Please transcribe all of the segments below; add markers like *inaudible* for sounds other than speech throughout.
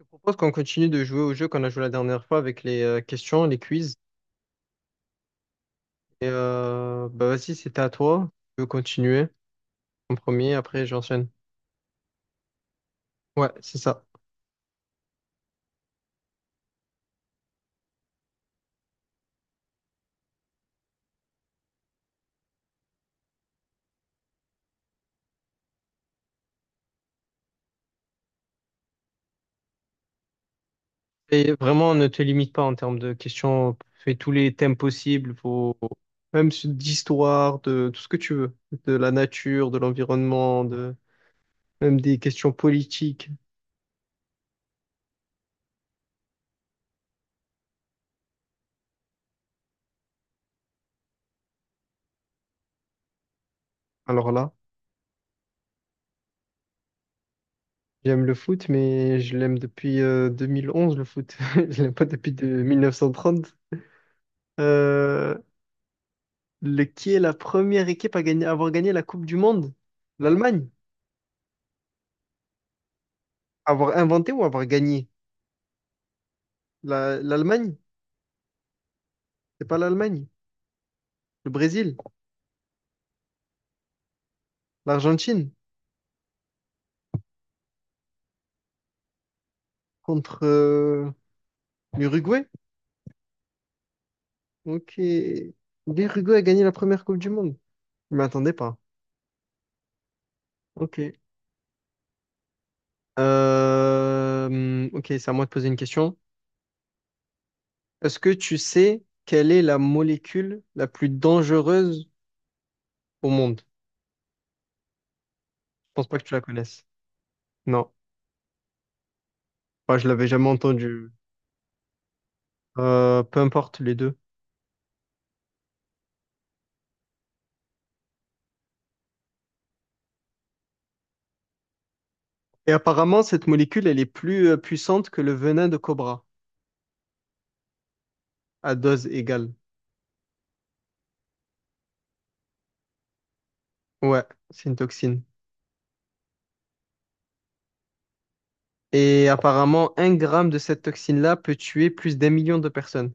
Je propose qu'on continue de jouer au jeu qu'on a joué la dernière fois avec les questions, les quiz. Vas-y, c'était à toi. Je veux continuer en premier, après j'enchaîne. Ouais, c'est ça. Et vraiment, ne te limite pas en termes de questions. Fais tous les thèmes possibles, d'histoire, de tout ce que tu veux, de la nature, de l'environnement, de même des questions politiques. Alors là, j'aime le foot, mais je l'aime depuis 2011, le foot. *laughs* Je l'aime pas depuis 1930. Qui est la première équipe à avoir gagné la Coupe du Monde? L'Allemagne. Avoir inventé ou avoir gagné? L'Allemagne? C'est pas l'Allemagne. Le Brésil? L'Argentine? Contre l'Uruguay? Ok. L'Uruguay a gagné la première Coupe du Monde. Je m'y pas. Ok. Ok, c'est à moi de poser une question. Est-ce que tu sais quelle est la molécule la plus dangereuse au monde? Je pense pas que tu la connaisses. Non. Moi, je l'avais jamais entendue. Peu importe les deux. Et apparemment, cette molécule, elle est plus puissante que le venin de cobra, à dose égale. Ouais, c'est une toxine. Et apparemment, un gramme de cette toxine-là peut tuer plus d'un million de personnes.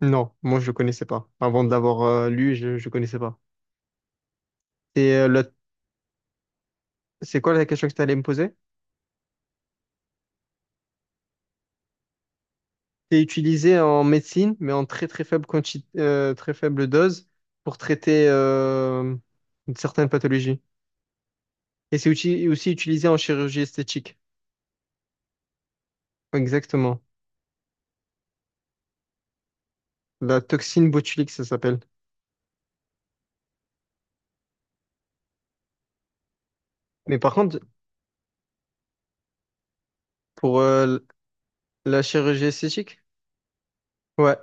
Non, moi, je ne connaissais pas. Avant de l'avoir lu, je ne connaissais pas. Et euh, le- c'est quoi la question que tu allais me poser? C'est utilisé en médecine, mais en très très très faible dose pour traiter certaines pathologies. Et c'est aussi utilisé en chirurgie esthétique. Exactement. La toxine botulique, ça s'appelle. Mais par contre, pour la chirurgie esthétique, ouais.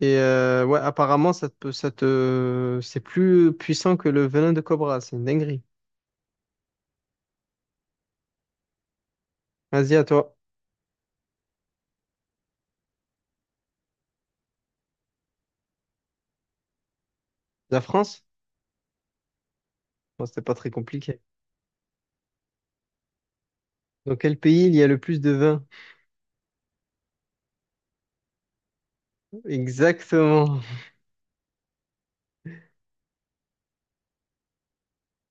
Ouais, apparemment, ça te, peut- ça te, c'est plus puissant que le venin de cobra. C'est une dinguerie. Vas-y, à toi. La France? Bon, c'était pas très compliqué. Dans quel pays il y a le plus de vin? Exactement. *laughs*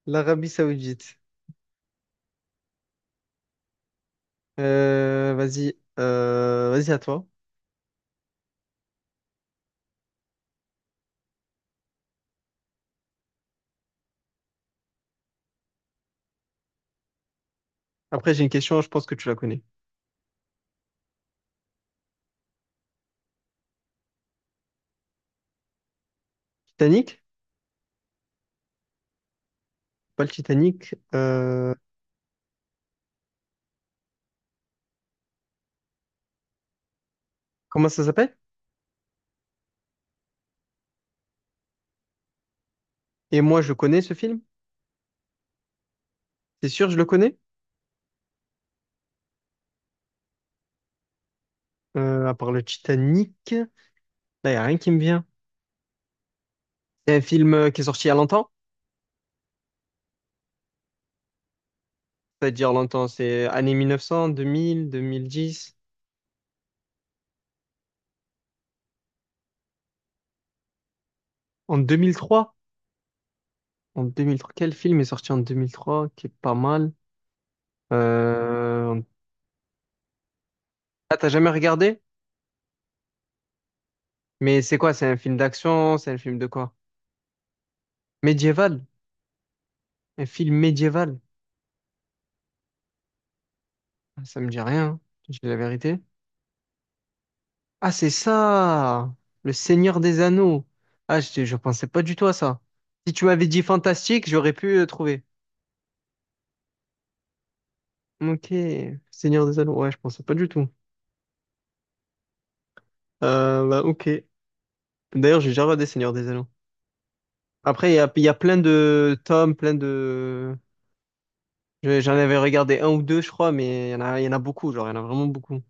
L'Arabie Saoudite. Vas-y, à toi. Après, j'ai une question, je pense que tu la connais. Titanic? Pas le Titanic. Comment ça s'appelle? Et moi, je connais ce film? C'est sûr, je le connais? À part le Titanic. Là, y a rien qui me vient. C'est un film qui est sorti il y a longtemps? C'est-à-dire longtemps, c'est années 1900, 2000, 2010. En 2003? En 2003, quel film est sorti en 2003 qui est pas mal? Euh... Ah, t'as jamais regardé? Mais c'est quoi? C'est un film d'action? C'est un film de quoi? Médiéval? Un film médiéval? Ah, ça me dit rien, hein. Je dis la vérité. Ah, c'est ça! Le Seigneur des Anneaux. Ah, je pensais pas du tout à ça. Si tu m'avais dit fantastique, j'aurais pu trouver. Ok, Seigneur des Anneaux, ouais, je pensais pas du tout. Ok. D'ailleurs, j'ai déjà regardé Seigneur des Anneaux. Après, il y a plein de tomes, plein de... J'en avais regardé un ou deux, je crois, mais il y en a beaucoup, genre, il y en a vraiment beaucoup.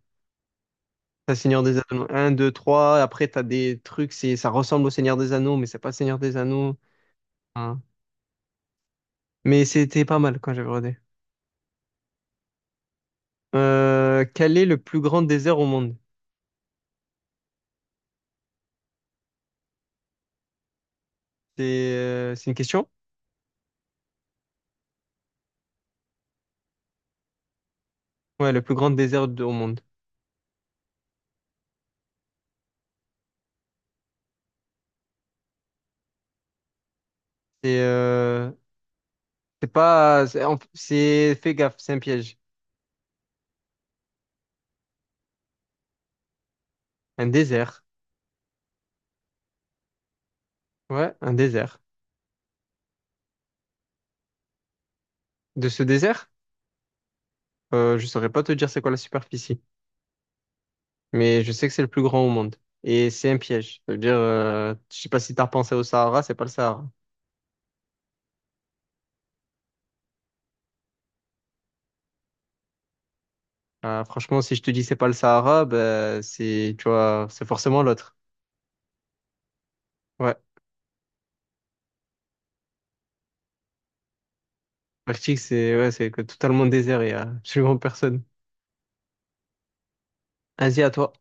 T'as Seigneur des Anneaux Un, 2, 3. Après, t'as des trucs, ça ressemble au Seigneur des Anneaux, mais c'est pas Seigneur des Anneaux. Hein. Mais c'était pas mal quand j'avais regardé. Quel est le plus grand désert au monde? C'est une question? Ouais, le plus grand désert au monde. C'est euh, C'est pas, c'est, en- c'est- Fais gaffe, c'est un piège. Un désert. Ouais, un désert. De ce désert, je saurais pas te dire c'est quoi la superficie, mais je sais que c'est le plus grand au monde. Et c'est un piège. Ça veut dire, je sais pas si t'as repensé au Sahara, c'est pas le Sahara. Franchement, si je te dis c'est pas le Sahara, ben, tu vois, c'est forcément l'autre. Ouais. L'Arctique, ouais, c'est que totalement désert et y a absolument personne. Asie, à toi.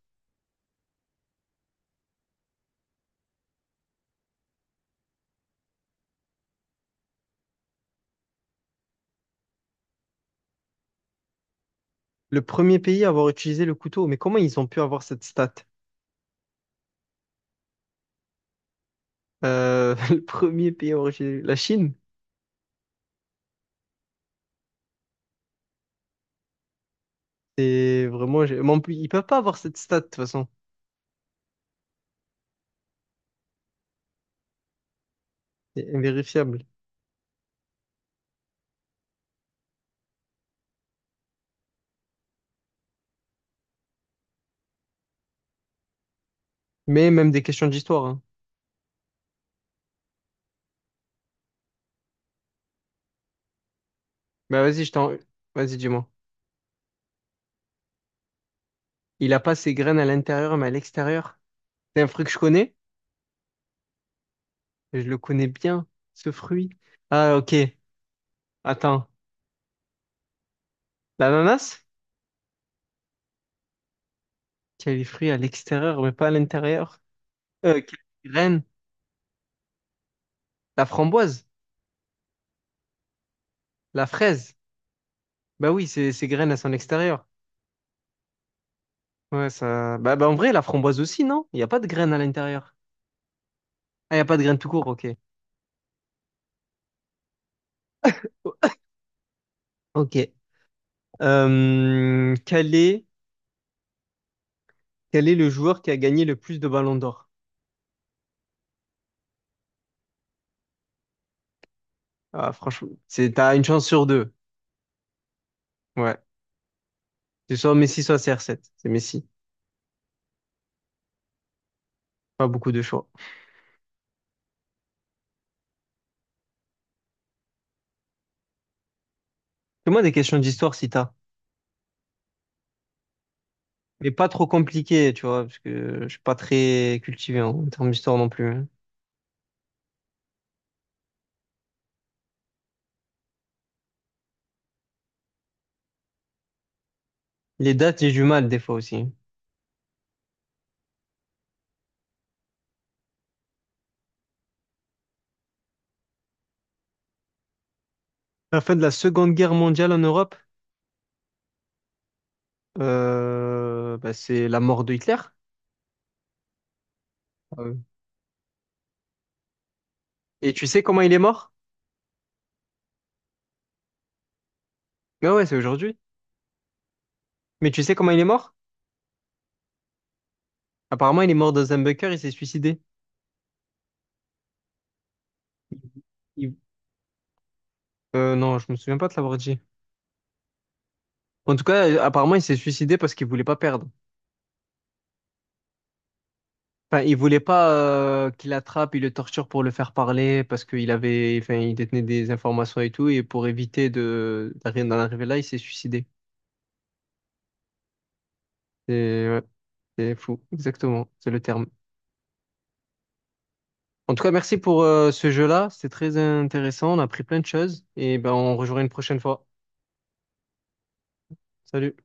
Le premier pays à avoir utilisé le couteau, mais comment ils ont pu avoir cette stat? *laughs* Le premier pays à avoir utilisé, la Chine? Mais en plus, ils peuvent pas avoir cette stat, de toute façon. C'est invérifiable. Mais même des questions d'histoire, hein. Bah, vas-y, je t'en. Vas-y, dis-moi. Il a pas ses graines à l'intérieur, mais à l'extérieur. C'est un fruit que je connais. Je le connais bien, ce fruit. Ah, ok. Attends. L'ananas? Qui a les fruits à l'extérieur, mais pas à l'intérieur. Qui a les graines? La framboise? La fraise? Bah oui, c'est ses graines, elles sont à l'extérieur. Ouais, ça. Bah, en vrai, la framboise aussi, non? Il n'y a pas de graines à l'intérieur. Ah, il n'y a pas de graines tout court, ok. Oh, ok. Euh, quel est, quel est le joueur qui a gagné le plus de ballons d'or? Ah, franchement, t'as une chance sur deux. Ouais. C'est soit Messi, soit CR7. C'est Messi. Pas beaucoup de choix. Fais-moi des questions d'histoire si t'as. Mais pas trop compliquées, tu vois, parce que je suis pas très cultivé en termes d'histoire non plus, hein. Les dates, j'ai du mal des fois aussi. La fin de la Seconde Guerre mondiale en Europe, c'est la mort de Hitler. Ah oui. Et tu sais comment il est mort? Ouais, ouais, c'est aujourd'hui. Mais tu sais comment il est mort? Apparemment, il est mort dans un bunker, il s'est suicidé. Il- il- non, je me souviens pas de l'avoir dit. En tout cas, apparemment, il s'est suicidé parce qu'il voulait pas perdre. Enfin, il voulait pas qu'il attrape, il le torture pour le faire parler parce qu'il avait, enfin, il détenait des informations et tout, et pour éviter d'en arriver là, il s'est suicidé. C'est ouais, c'est fou, exactement, c'est le terme. En tout cas, merci pour ce jeu-là, c'était très intéressant, on a appris plein de choses, et ben on rejouera une prochaine fois. Salut.